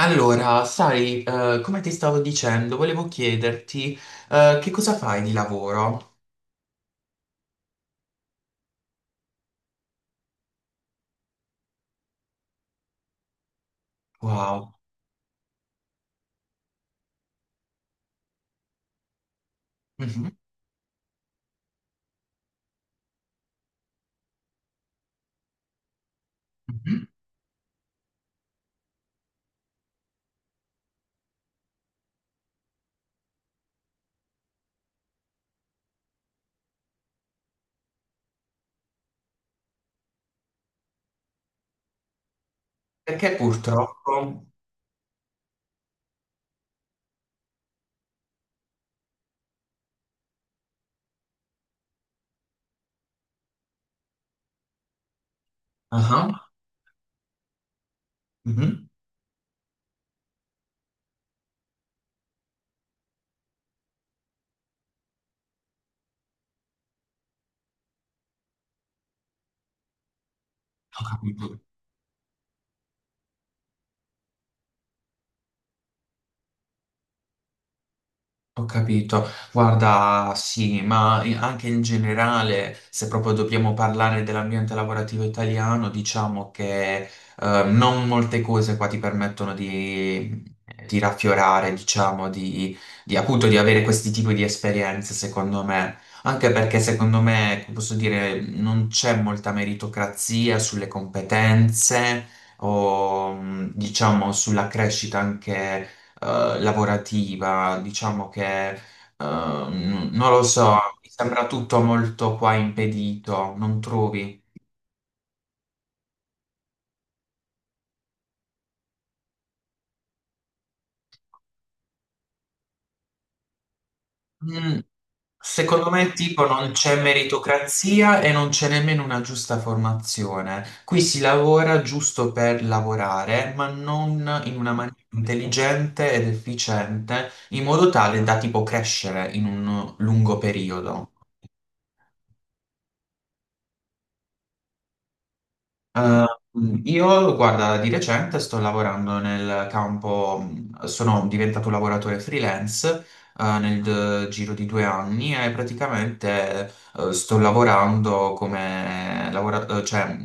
Allora, sai, come ti stavo dicendo, volevo chiederti, che cosa fai di lavoro? Wow. Mhm, mhm. Perché purtroppo... Ah, mhm. Ho capito, guarda, sì, ma anche in generale, se proprio dobbiamo parlare dell'ambiente lavorativo italiano, diciamo che non molte cose qua ti permettono di raffiorare, diciamo, appunto di avere questi tipi di esperienze, secondo me. Anche perché secondo me, posso dire, non c'è molta meritocrazia sulle competenze o, diciamo, sulla crescita anche lavorativa, diciamo che non lo so, no. Mi sembra tutto molto qua impedito, non trovi? Mm, secondo me, tipo, non c'è meritocrazia e non c'è nemmeno una giusta formazione. Qui si lavora giusto per lavorare, ma non in una maniera intelligente ed efficiente, in modo tale da tipo crescere in un lungo periodo. Eh, io, guarda, di recente sto lavorando nel campo, sono diventato un lavoratore freelance, nel giro di 2 anni e praticamente, sto lavorando come cioè,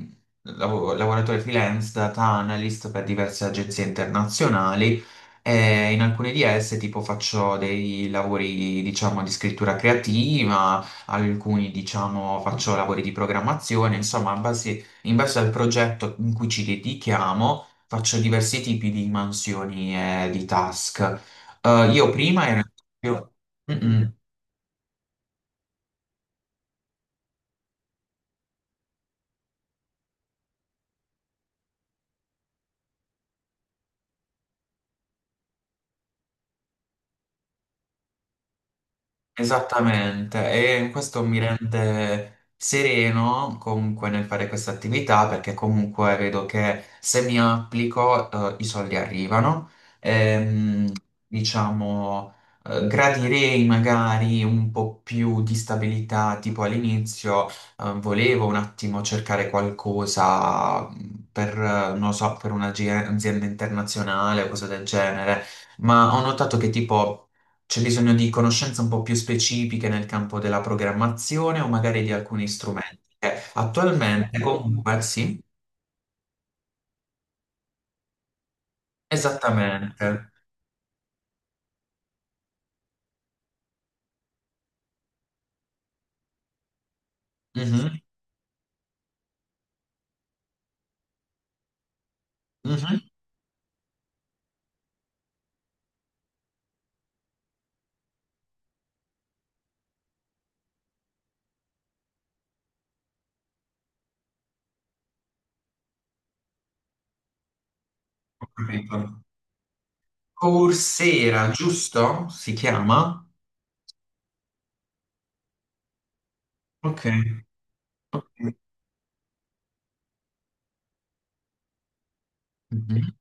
lavoratore freelance, data analyst per diverse agenzie internazionali e in alcune di esse tipo faccio dei lavori, diciamo, di scrittura creativa, alcuni diciamo faccio lavori di programmazione, insomma, in base al progetto in cui ci dedichiamo, faccio diversi tipi di mansioni e di task. Io prima ero. io- Mm, mm. Esattamente, e questo mi rende sereno comunque nel fare questa attività perché comunque vedo che se mi applico, i soldi arrivano. Ehm, diciamo, gradirei magari un po' più di stabilità, tipo all'inizio volevo un attimo cercare qualcosa, per, non lo so, per un'azienda internazionale o cose del genere, ma ho notato che tipo. C'è bisogno di conoscenze un po' più specifiche nel campo della programmazione o magari di alcuni strumenti. Attualmente, comunque, sì, esattamente. Mhm, mhm, ho capito. Coursera, giusto? Si chiama? Ok. Ok. Mhm.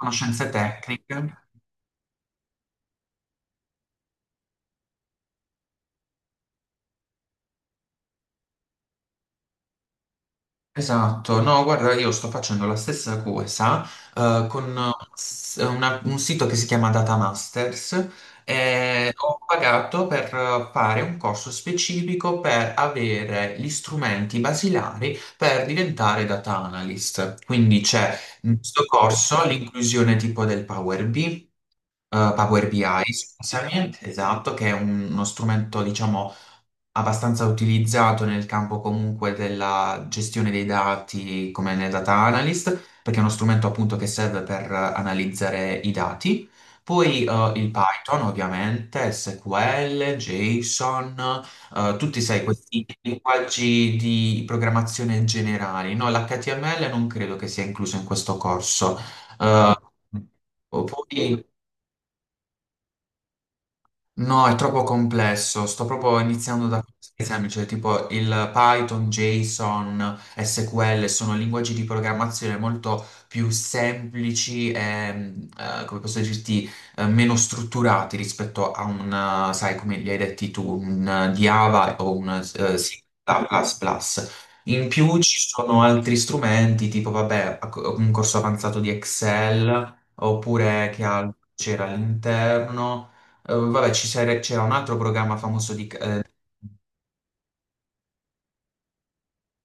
Conoscenze tecniche. Esatto, no, guarda, io sto facendo la stessa cosa con un sito che si chiama Data Masters e ho pagato per fare un corso specifico per avere gli strumenti basilari per diventare data analyst. Quindi c'è, in questo corso, l'inclusione tipo del Power BI, Power BI, scusami, esatto, che è uno strumento, diciamo, abbastanza utilizzato nel campo comunque della gestione dei dati come nel data analyst, perché è uno strumento appunto che serve per analizzare i dati. Poi il Python, ovviamente, SQL, JSON, tutti, sai, questi linguaggi di programmazione generali. No, l'HTML non credo che sia incluso in questo corso. Mm. Poi. No, è troppo complesso. Sto proprio iniziando da cose semplici, tipo il Python, JSON, SQL, sono linguaggi di programmazione molto più semplici e, come posso dirti, meno strutturati rispetto a un, sai, come li hai detti tu, un Java o un sì, C++. In più ci sono altri strumenti, tipo, vabbè, un corso avanzato di Excel, oppure che altro c'era all'interno. Vabbè, c'era un altro programma famoso di.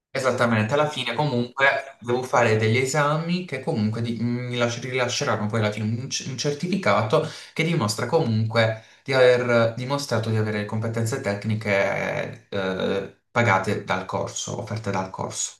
Esattamente, alla fine comunque devo fare degli esami che comunque rilasceranno poi alla fine un certificato che dimostra comunque di aver dimostrato di avere competenze tecniche, pagate dal corso, offerte dal corso.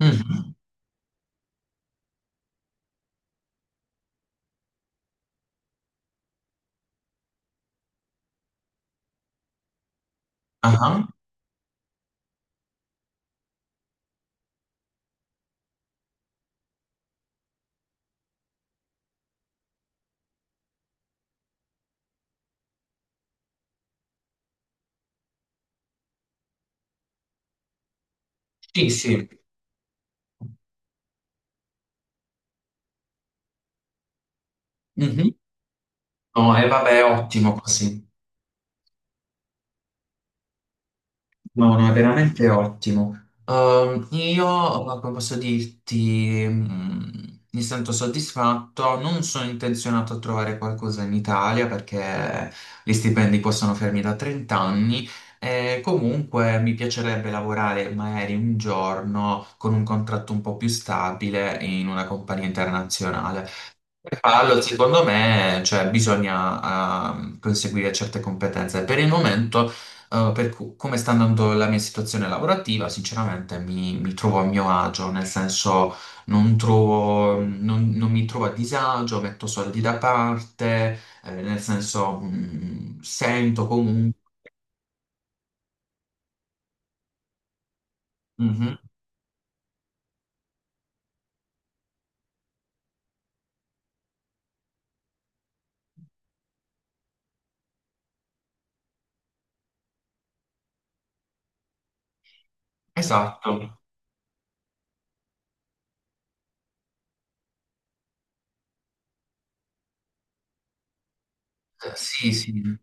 Mhm. Ah, sì, sì. Mhm. No, e vabbè, ottimo così. No, no, è veramente ottimo. Io, come posso dirti, mi sento soddisfatto. Non sono intenzionato a trovare qualcosa in Italia perché gli stipendi possono fermi da 30 anni. E comunque mi piacerebbe lavorare magari un giorno con un contratto un po' più stabile in una compagnia internazionale. Allora, secondo me, cioè, bisogna conseguire certe competenze. Per il momento, come sta andando la mia situazione lavorativa, sinceramente mi trovo a mio agio, nel senso non mi trovo a disagio, metto soldi da parte, nel senso sento comunque. Mhm, esatto. Sì, sì.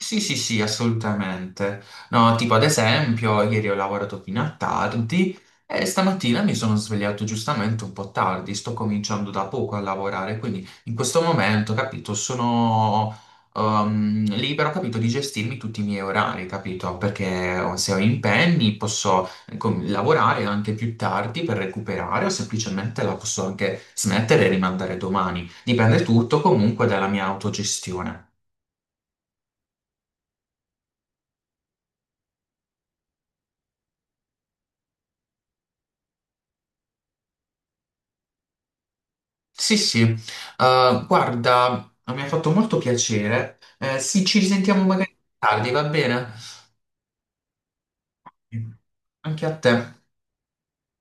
Sì, sì, sì, assolutamente. No, tipo ad esempio, ieri ho lavorato fino a tardi e stamattina mi sono svegliato giustamente un po' tardi, sto cominciando da poco a lavorare, quindi in questo momento, capito, sono libero, capito, di gestirmi tutti i miei orari, capito? Perché se ho impegni posso lavorare anche più tardi per recuperare o semplicemente la posso anche smettere e rimandare domani. Dipende tutto comunque dalla mia autogestione. Sì, sì, guarda, mi ha fatto molto piacere. Sì, ci risentiamo magari tardi, va bene? Sì. Anche a te.